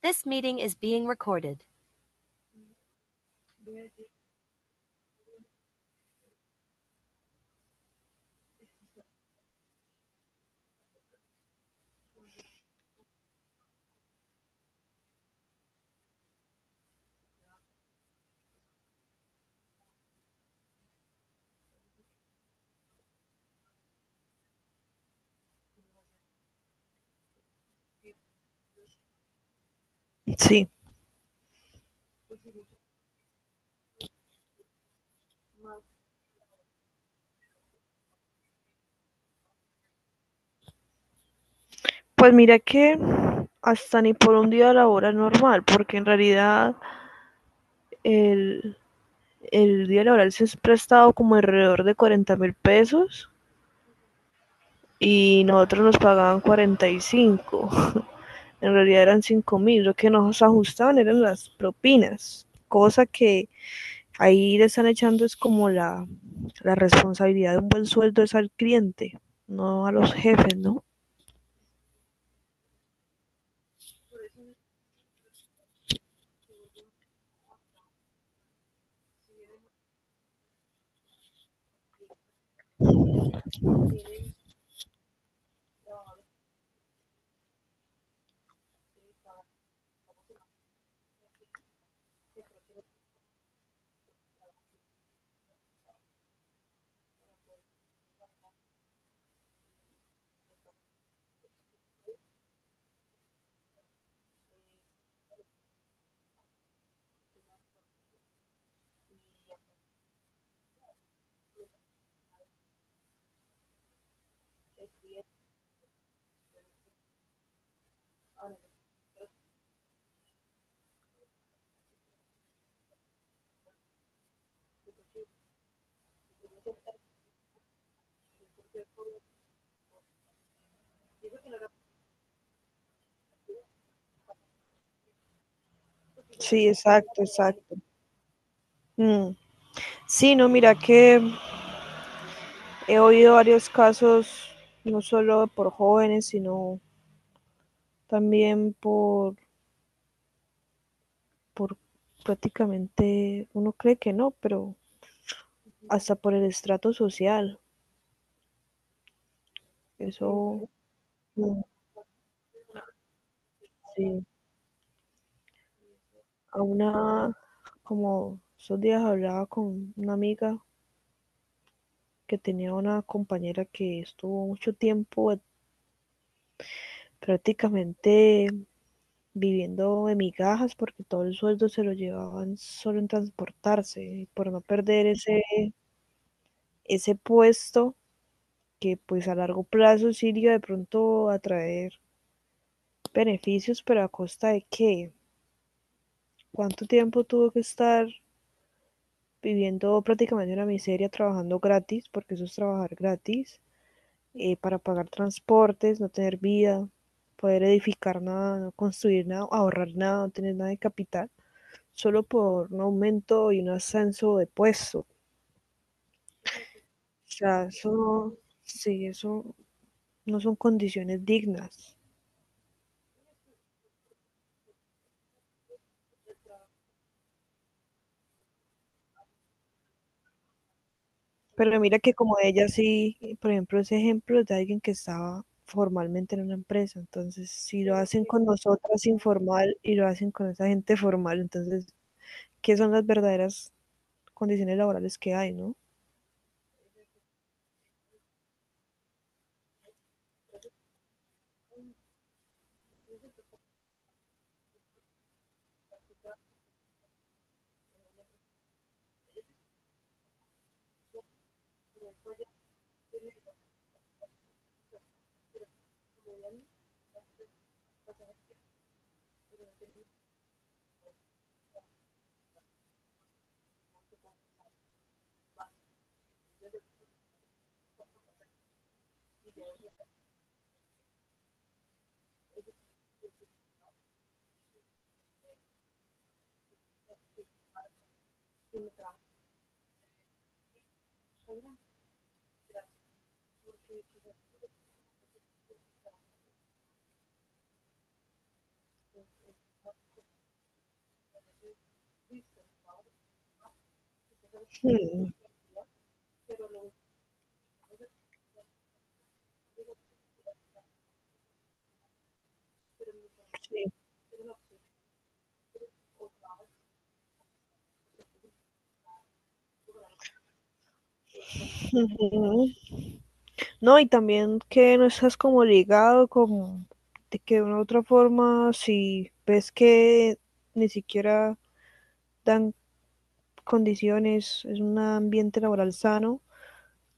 This meeting is being recorded. Sí, pues mira que hasta ni por un día laboral normal, porque en realidad el, el día laboral se es prestado como alrededor de $40.000 y nosotros nos pagaban 45. En realidad eran 5.000, lo que nos ajustaban eran las propinas, cosa que ahí le están echando es como la responsabilidad de un buen sueldo es al cliente, no a los jefes, ¿no? Sí, exacto, exacto. Mm. Sí, no, mira que he oído varios casos, no solo por jóvenes, sino también por prácticamente, uno cree que no, pero hasta por el estrato social. Eso, mm, sí, a una, como esos días hablaba con una amiga que tenía una compañera que estuvo mucho tiempo prácticamente viviendo de migajas porque todo el sueldo se lo llevaban solo en transportarse, y por no perder ese puesto que pues a largo plazo sí iba de pronto a traer beneficios, pero ¿a costa de qué? ¿Cuánto tiempo tuvo que estar viviendo prácticamente una miseria, trabajando gratis, porque eso es trabajar gratis, para pagar transportes, no tener vida, poder edificar nada, no construir nada, ahorrar nada, no tener nada de capital, solo por un aumento y un ascenso de puesto? O sea, eso no, sí, eso no son condiciones dignas. Pero mira que como ella sí, por ejemplo, ese ejemplo es de alguien que estaba formalmente en una empresa. Entonces, si lo hacen con nosotras informal y lo hacen con esa gente formal, entonces, ¿qué son las verdaderas condiciones laborales que hay, no? Sí. Sí. No, y también que no estás como ligado, como de que de una u otra forma, si ves que ni siquiera dan condiciones, es un ambiente laboral sano,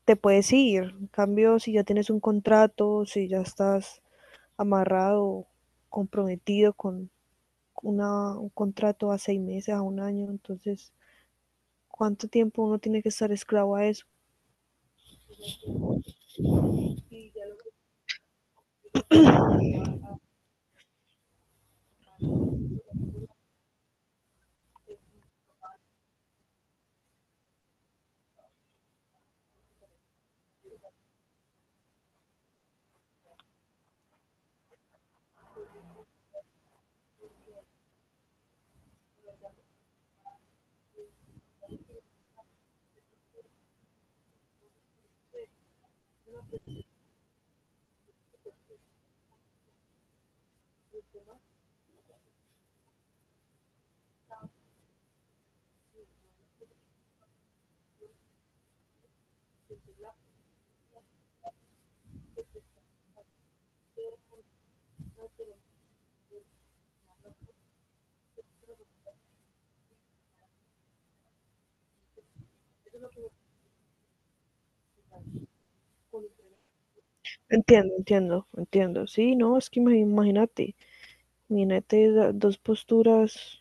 te puedes ir. En cambio, si ya tienes un contrato, si ya estás amarrado, comprometido con un contrato a 6 meses, a un año, entonces, ¿cuánto tiempo uno tiene que estar esclavo a eso? Entiendo, entiendo, entiendo. Sí, no, es que imagínate, imagínate dos posturas,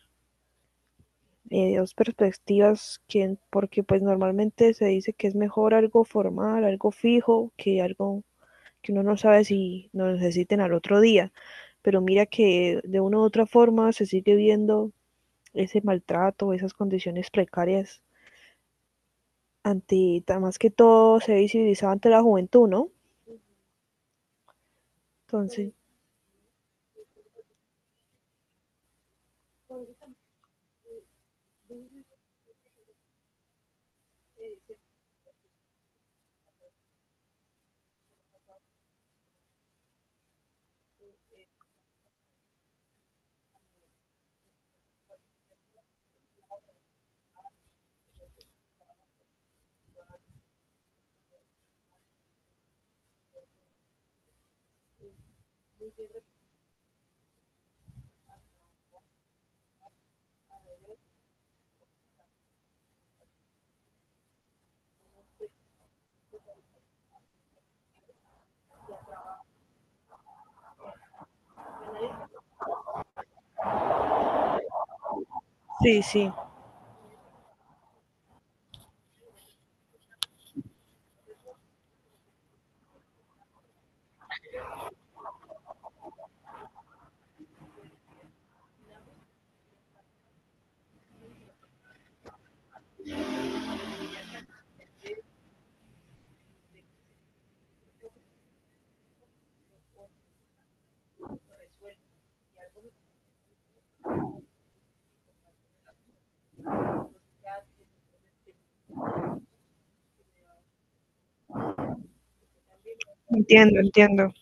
dos perspectivas, que, porque pues normalmente se dice que es mejor algo formal, algo fijo, que algo que uno no sabe si lo necesiten al otro día. Pero mira que de una u otra forma se sigue viendo ese maltrato, esas condiciones precarias más que todo se visibilizaba ante la juventud, ¿no? Entonces, sí, sí, entiendo, entiendo.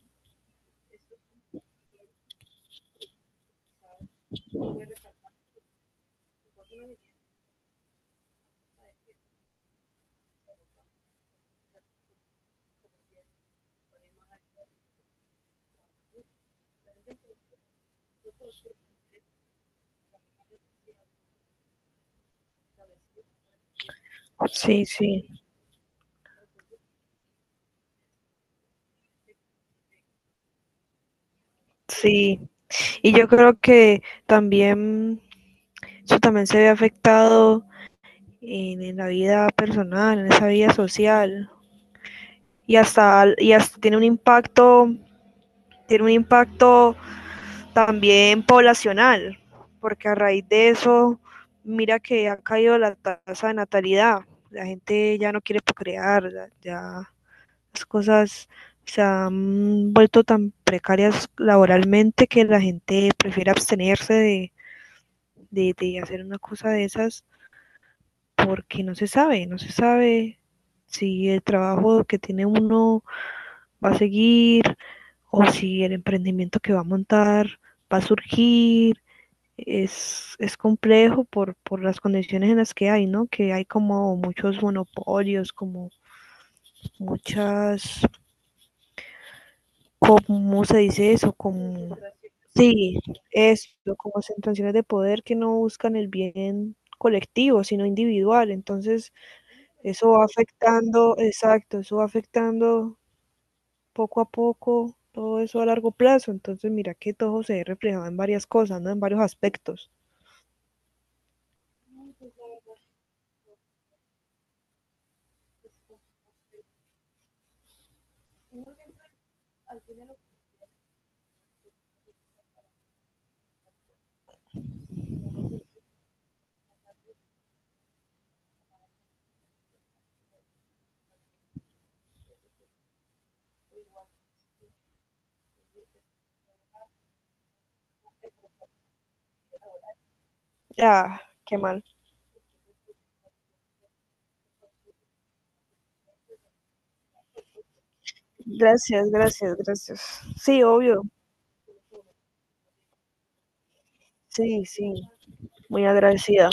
Sí, sí, sí. Y yo creo que también eso también se ve afectado en, la vida personal, en esa vida social y hasta, tiene un impacto, tiene un impacto también poblacional, porque a raíz de eso, mira que ha caído la tasa de natalidad, la gente ya no quiere procrear, ya las cosas se han vuelto tan precarias laboralmente que la gente prefiere abstenerse de hacer una cosa de esas porque no se sabe, no se sabe si el trabajo que tiene uno va a seguir o si el emprendimiento que va a montar va a surgir. Es complejo por las condiciones en las que hay, ¿no? Que hay como muchos monopolios, como muchas, ¿cómo se dice eso? Como, sí, esto, como sentencias de poder que no buscan el bien colectivo, sino individual. Entonces, eso va afectando, exacto, eso va afectando poco a poco todo eso a largo plazo. Entonces, mira que todo se ve reflejado en varias cosas, ¿no? En varios aspectos. Ya, qué mal. Gracias, gracias, gracias. Sí, obvio. Sí, sí, muy agradecida.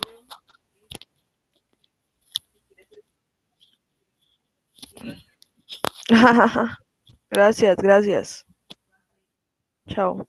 Gracias, gracias. Chao.